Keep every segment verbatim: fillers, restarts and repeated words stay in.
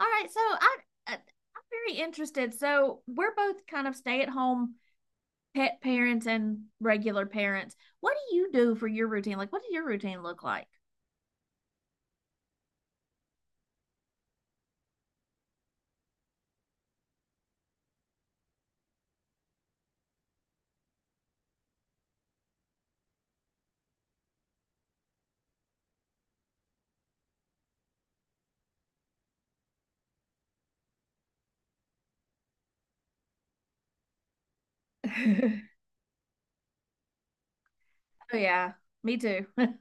All right, so I, I I'm very interested. So we're both kind of stay-at-home pet parents and regular parents. What do you do for your routine? Like, what does your routine look like? Oh yeah, me too.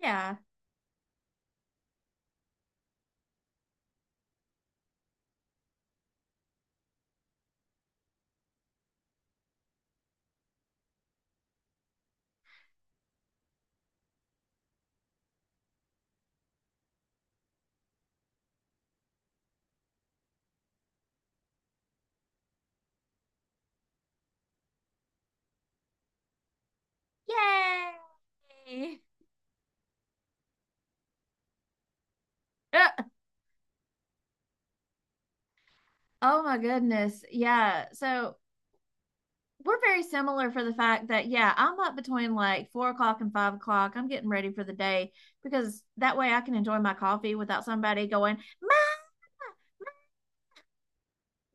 Yeah. Yay. Uh, Oh my goodness. Yeah. So we're very similar for the fact that, yeah, I'm up between like four o'clock and five o'clock. I'm getting ready for the day because that way I can enjoy my coffee without somebody going, Ma!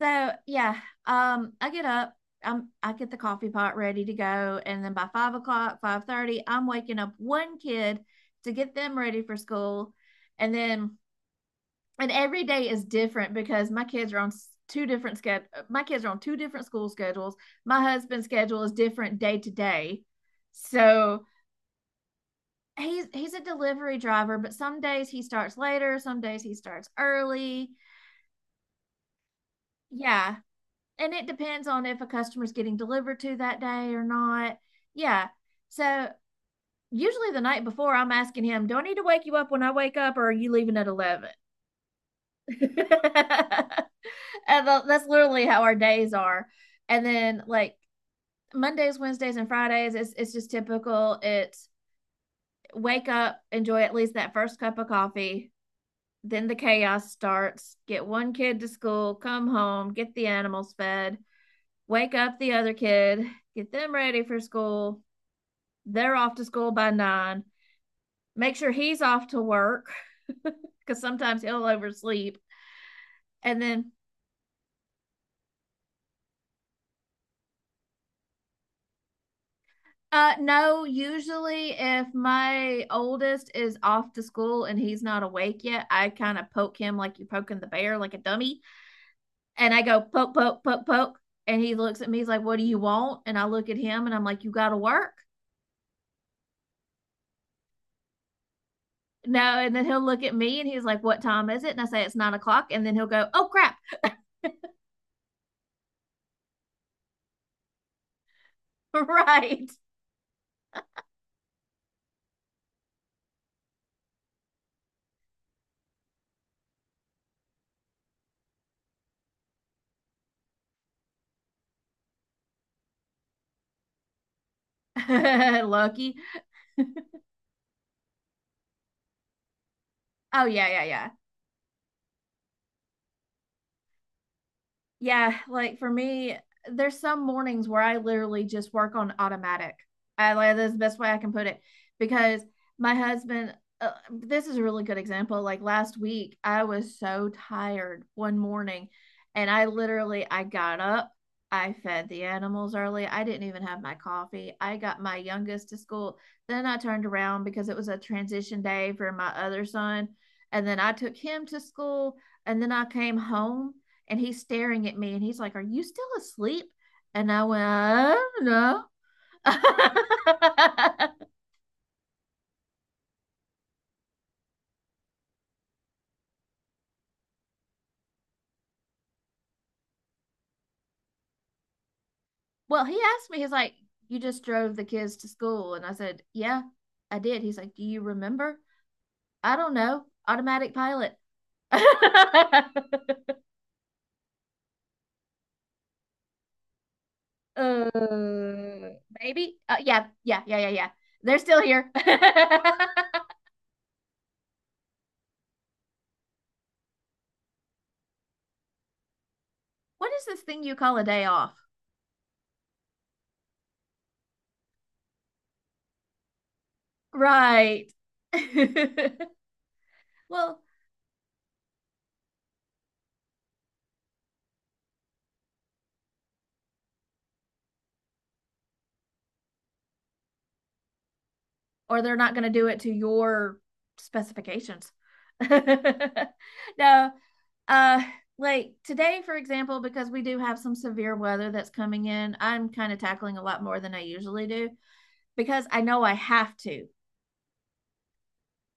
So yeah, um, I get up, I'm I get the coffee pot ready to go, and then by five o'clock, five thirty, I'm waking up one kid to get them ready for school, and then and every day is different because my kids are on two different sched. My kids are on two different school schedules. My husband's schedule is different day to day, so he's he's a delivery driver, but some days he starts later, some days he starts early. Yeah, and it depends on if a customer's getting delivered to that day or not. Yeah. So usually the night before, I'm asking him, "Do I need to wake you up when I wake up, or are you leaving at eleven" And that's literally how our days are. And then like Mondays, Wednesdays, and Fridays, it's it's just typical. It's wake up, enjoy at least that first cup of coffee. Then the chaos starts. Get one kid to school, come home, get the animals fed, wake up the other kid, get them ready for school. They're off to school by nine. Make sure he's off to work because sometimes he'll oversleep. And then, uh, no, usually if my oldest is off to school and he's not awake yet, I kind of poke him like you're poking the bear, like a dummy. And I go poke, poke, poke, poke. And he looks at me, he's like, "What do you want?" And I look at him and I'm like, "You got to work." No. And then he'll look at me and he's like, "What time is it?" And I say, "It's nine o'clock." And then he'll go, "Oh, crap." Right. Loki. Oh yeah, yeah, yeah. Yeah, like for me, there's some mornings where I literally just work on automatic. I like that's the best way I can put it because my husband. Uh, this is a really good example. Like last week, I was so tired one morning, and I literally I got up. I fed the animals early. I didn't even have my coffee. I got my youngest to school. Then I turned around because it was a transition day for my other son. And then I took him to school. And then I came home and he's staring at me and he's like, "Are you still asleep?" And I went, uh, "No." Well, he asked me, he's like, "You just drove the kids to school." And I said, "Yeah, I did." He's like, "Do you remember?" I don't know. Automatic pilot. uh, Maybe. Uh, yeah, yeah, yeah, yeah, yeah. They're still here. What is this thing you call a day off? Right. Well, or they're not going to do it to your specifications. No, uh, like today, for example, because we do have some severe weather that's coming in, I'm kind of tackling a lot more than I usually do because I know I have to.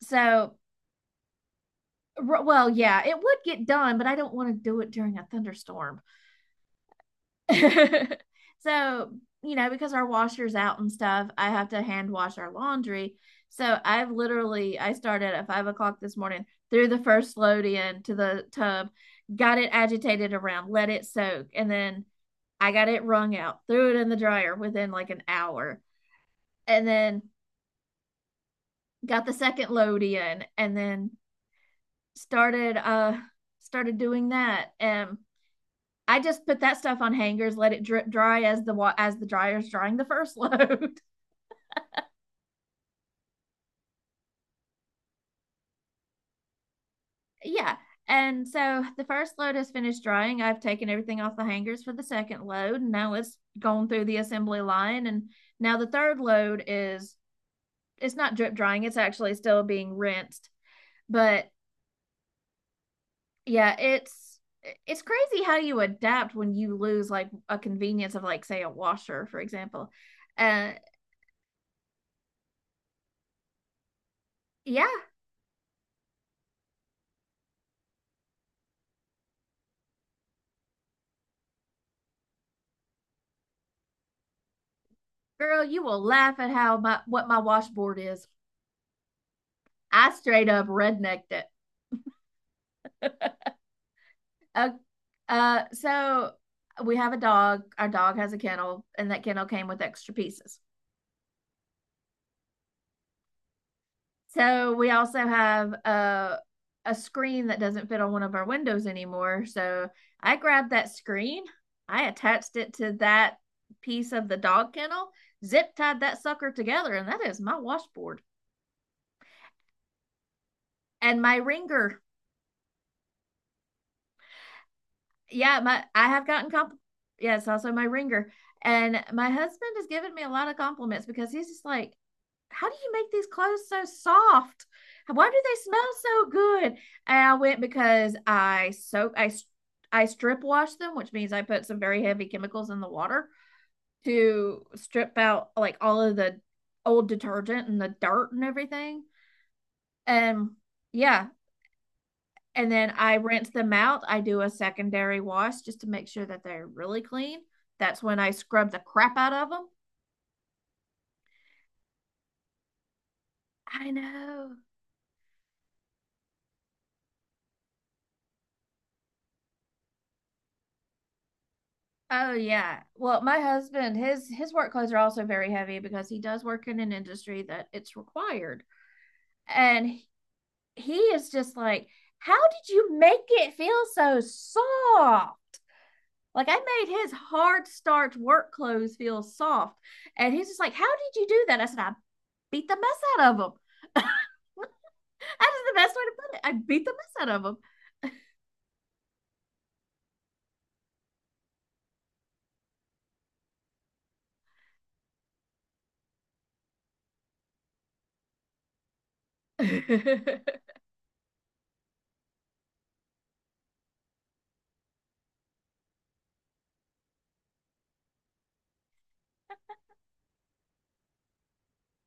So, well, yeah, it would get done, but I don't want to do it during a thunderstorm. So, you know, because our washer's out and stuff, I have to hand wash our laundry. So I've literally I started at five o'clock this morning, threw the first load in to the tub, got it agitated around, let it soak, and then I got it wrung out, threw it in the dryer within like an hour, and then got the second load in, and then started uh started doing that. And I just put that stuff on hangers, let it drip dry as the as the dryer's drying the first load. Yeah. And so the first load has finished drying. I've taken everything off the hangers for the second load. And now it's gone through the assembly line. And now the third load is it's not drip drying, it's actually still being rinsed. But yeah, it's it's crazy how you adapt when you lose like a convenience of like say a washer, for example. Uh yeah, girl, you will laugh at how my what my washboard is. I straight up rednecked it. Uh, uh, so we have a dog. Our dog has a kennel, and that kennel came with extra pieces. So we also have a a screen that doesn't fit on one of our windows anymore. So I grabbed that screen, I attached it to that piece of the dog kennel, zip tied that sucker together, and that is my washboard and my ringer. Yeah, my I have gotten comp. Yes, also my ringer, and my husband has given me a lot of compliments because he's just like, "How do you make these clothes so soft? Why do they smell so good?" And I went because I soak, I I strip wash them, which means I put some very heavy chemicals in the water to strip out like all of the old detergent and the dirt and everything. And yeah, and then I rinse them out. I do a secondary wash just to make sure that they're really clean. That's when I scrub the crap out of them. I know. Oh yeah. Well, my husband, his his work clothes are also very heavy because he does work in an industry that it's required. And he- is just like, "How did you make it feel so soft?" Like I made his hard starch work clothes feel soft. And he's just like, "How did you do that?" I said, "I beat the mess out of them." That is the best way to put it. I beat the mess out of them.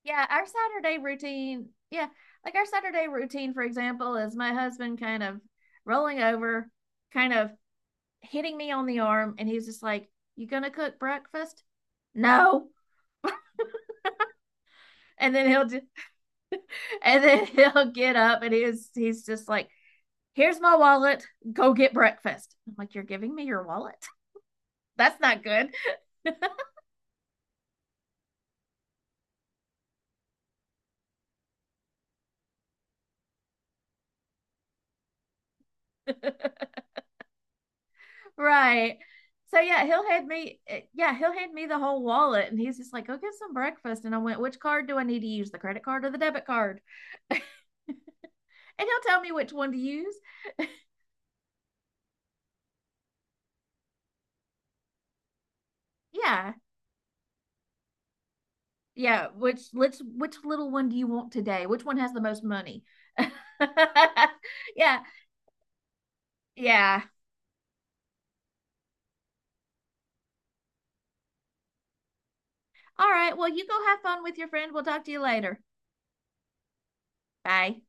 Yeah, our Saturday routine. Yeah, like our Saturday routine, for example, is my husband kind of rolling over, kind of hitting me on the arm, and he's just like, "You gonna cook breakfast?" No. And then he'll do, and then he'll get up, and he's he's just like, "Here's my wallet. Go get breakfast." I'm like, "You're giving me your wallet? That's not good." Right. So yeah, he'll hand me eh, yeah, he'll hand me the whole wallet and he's just like, "Go get some breakfast." And I went, "Which card do I need to use? The credit card or the debit card?" And he'll tell me which one to use. Yeah. Yeah, which let's which little one do you want today? Which one has the most money? Yeah. Yeah. All right. Well, you go have fun with your friend. We'll talk to you later. Bye.